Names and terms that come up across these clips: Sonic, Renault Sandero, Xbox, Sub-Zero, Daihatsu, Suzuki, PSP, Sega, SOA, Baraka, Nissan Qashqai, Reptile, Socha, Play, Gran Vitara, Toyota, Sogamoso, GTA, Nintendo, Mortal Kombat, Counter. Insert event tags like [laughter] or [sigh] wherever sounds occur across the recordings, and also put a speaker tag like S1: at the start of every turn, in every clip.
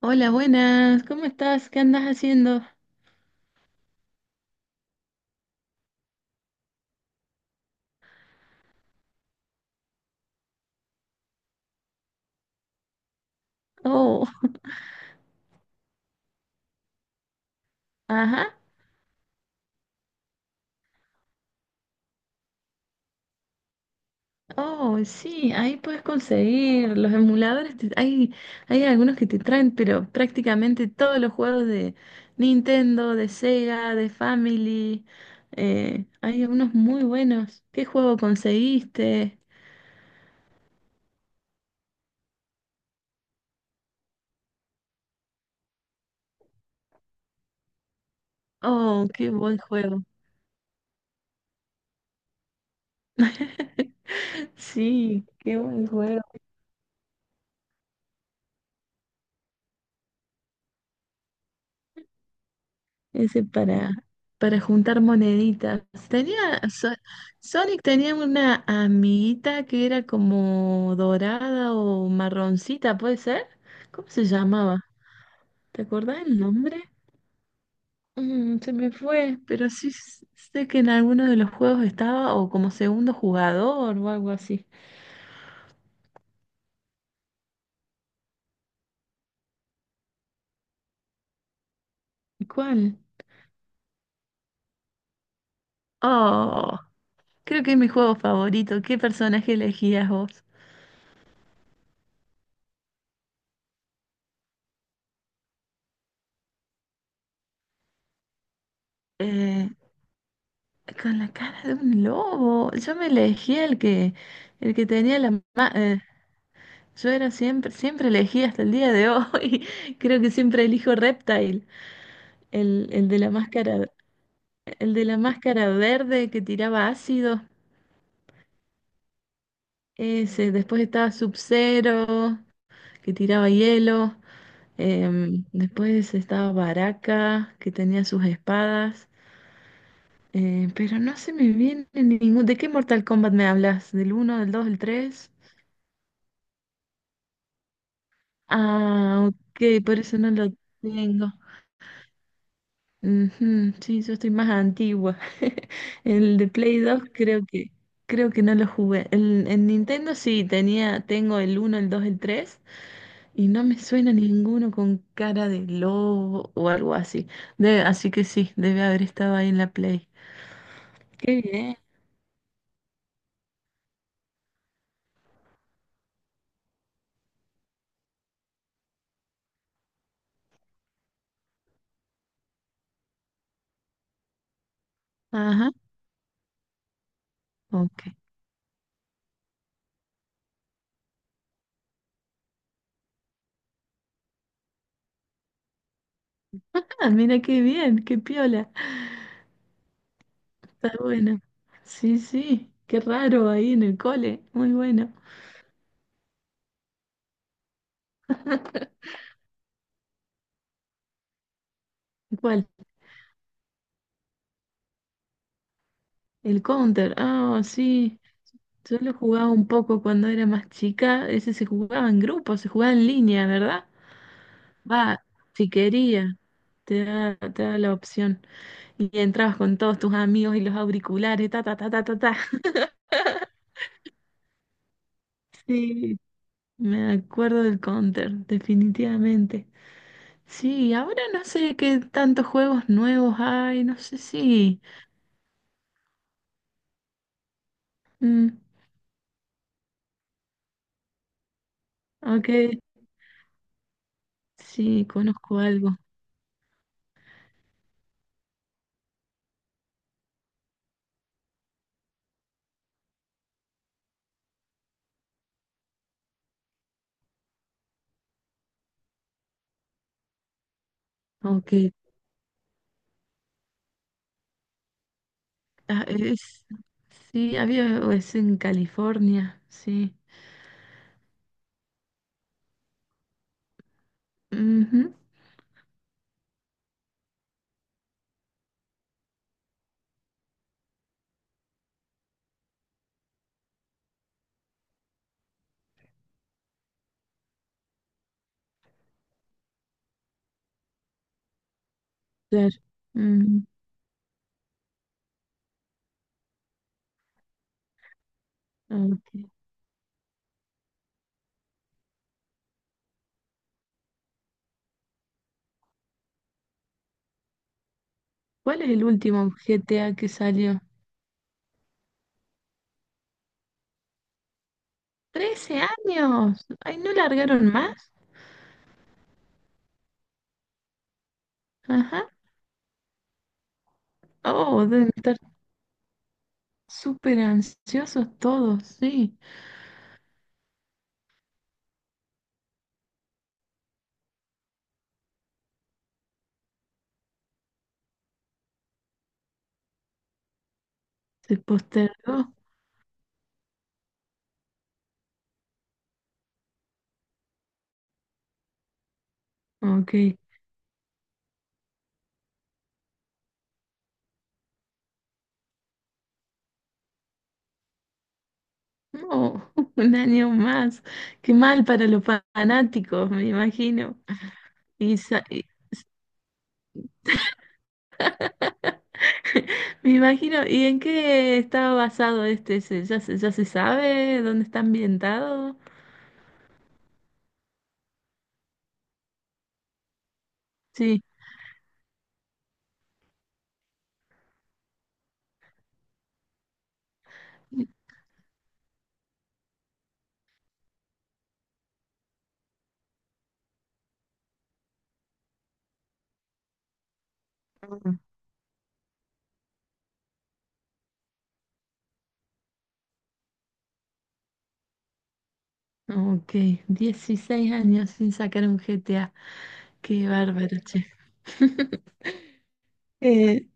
S1: Hola, buenas, ¿cómo estás? ¿Qué andas haciendo? Oh, ajá, oh, sí, ahí puedes conseguir los emuladores. Hay algunos que te traen, pero prácticamente todos los juegos de Nintendo, de Sega, de Family. Hay algunos muy buenos. ¿Qué juego conseguiste? Oh, qué buen juego. [laughs] Sí, qué buen juego. Ese para juntar moneditas. Tenía, So- Sonic tenía una amiguita que era como dorada o marroncita, ¿puede ser? ¿Cómo se llamaba? ¿Te acordás el nombre? Mm, se me fue, pero sí sé que en alguno de los juegos estaba o como segundo jugador o algo así. ¿Y cuál? Oh, creo que es mi juego favorito. ¿Qué personaje elegías vos? Eh, Con la cara de un lobo. Yo me elegí el que tenía ma- eh, siempre elegí hasta el día de hoy. [laughs] Creo que siempre elijo Reptile, el de la máscara, el de la máscara verde que tiraba ácido. Ese, después estaba Sub-Zero, que tiraba hielo. Después estaba Baraka, que tenía sus espadas. Pero no se me viene ningún. ¿De qué Mortal Kombat me hablas? ¿Del uno, del 2, del tres? Ah, ok, por eso no lo tengo. Ujú, sí, yo estoy más antigua. [laughs] El de Play 2 creo que no lo jugué. En Nintendo sí tenía, tengo el uno el 2 el 3 y no me suena ninguno con cara de lobo o algo así. Así que sí, debe haber estado ahí en la Play. Qué bien. Ajá, ok. Ah, mira qué bien, qué piola. Está bueno. Sí, sí, qué raro ahí en el cole. Muy bueno. [laughs] ¿Cuál? El Counter, ah, sí. Yo lo jugaba un poco cuando era más chica. Ese se jugaba en grupo, se jugaba en línea, ¿verdad? Va, si quería, te da la opción. Y entrabas con todos tus amigos y los auriculares, ta, ta, ta, ta, ta, ta. [laughs] Sí, me acuerdo del Counter, definitivamente. Sí, ahora no sé qué tantos juegos nuevos hay, no sé si. Mm, ok, sí, conozco algo. Ok, ah, sí, había o es en California, sí. Ujú, claro. Ujú, ok. ¿Cuál es el último GTA que salió? ¡13 años! ¡Ay, no largaron más! Ajá. Oh, deben estar súper ansiosos todos, sí. Se postergó. Ok. No, [laughs] un año más. Qué mal para los fanáticos, me imagino. Y, sa- [laughs] Me imagino, ¿y en qué está basado este? ¿Ya se sabe dónde está ambientado? Sí. Mm. Ok, 16 años sin sacar un GTA. Qué bárbaro, che. [laughs] Eh,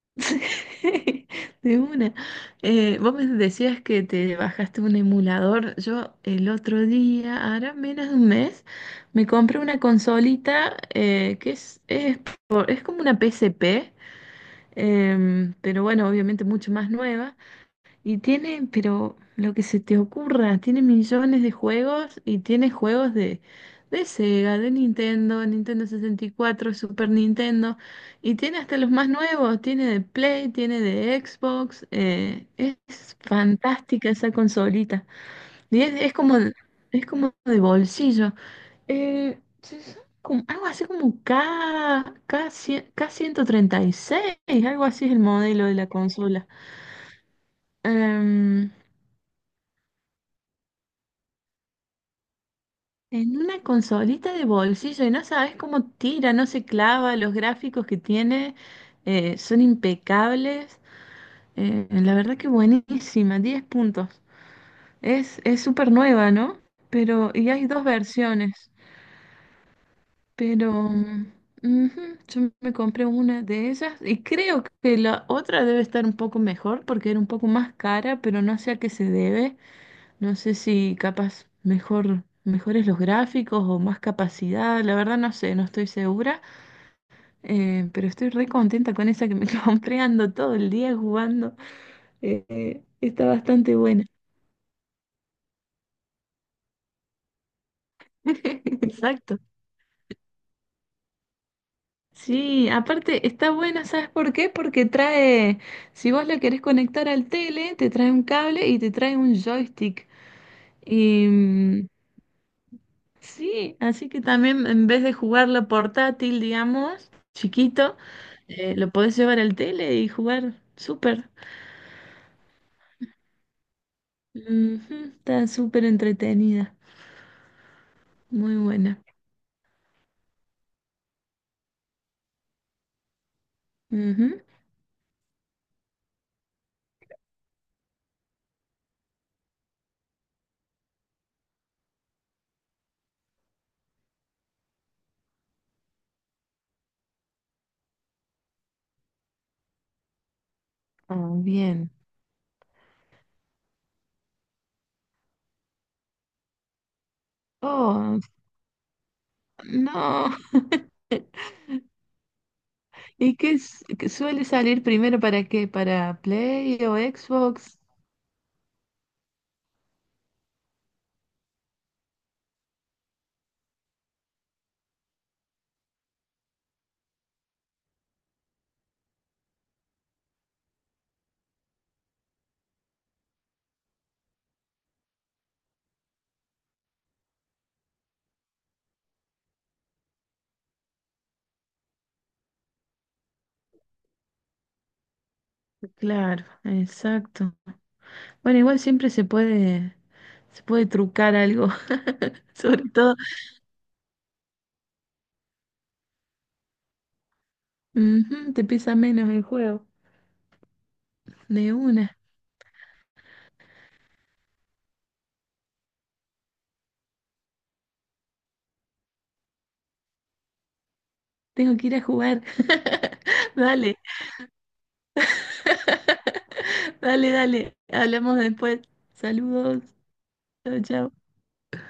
S1: [laughs] de una. Vos me decías que te bajaste un emulador. Yo el otro día, ahora menos de un mes, me compré una consolita que es como una PSP, pero bueno, obviamente mucho más nueva. Y tiene, pero lo que se te ocurra, tiene millones de juegos y tiene juegos de Sega, de Nintendo, Nintendo 64, Super Nintendo. Y tiene hasta los más nuevos, tiene de Play, tiene de Xbox. Es fantástica esa consolita. Y es como de bolsillo. Sí, son algo así como K136, algo así es el modelo de la consola. Em, en una consolita de bolsillo, y no sabes cómo tira, no se clava, los gráficos que tiene son impecables. La verdad que buenísima, 10 puntos. Es súper nueva, ¿no? Pero, y hay dos versiones. Pero ujú, yo me compré una de ellas y creo que la otra debe estar un poco mejor porque era un poco más cara, pero no sé a qué se debe. No sé si capaz mejor, mejores los gráficos o más capacidad. La verdad no sé, no estoy segura, pero estoy re contenta con esa que me [laughs] compré. Ando todo el día jugando. Está bastante buena. [laughs] Exacto. Sí, aparte está buena, ¿sabes por qué? Porque trae, si vos la querés conectar al tele, te trae un cable y te trae un joystick. Y sí, así que también en vez de jugarlo portátil, digamos, chiquito, lo podés llevar al tele y jugar súper. Ujú, está súper entretenida, muy buena. Ujú. Oh, bien. Oh, no. [laughs] ¿Y qué suele salir primero para qué? ¿Para Play o Xbox? Claro, exacto. Bueno, igual siempre se puede, trucar algo, [laughs] sobre todo, ujú, te pesa menos el juego, de una. Tengo que ir a jugar. [laughs] Dale, [laughs] dale, dale. Hablamos después. Saludos. Chao, chao.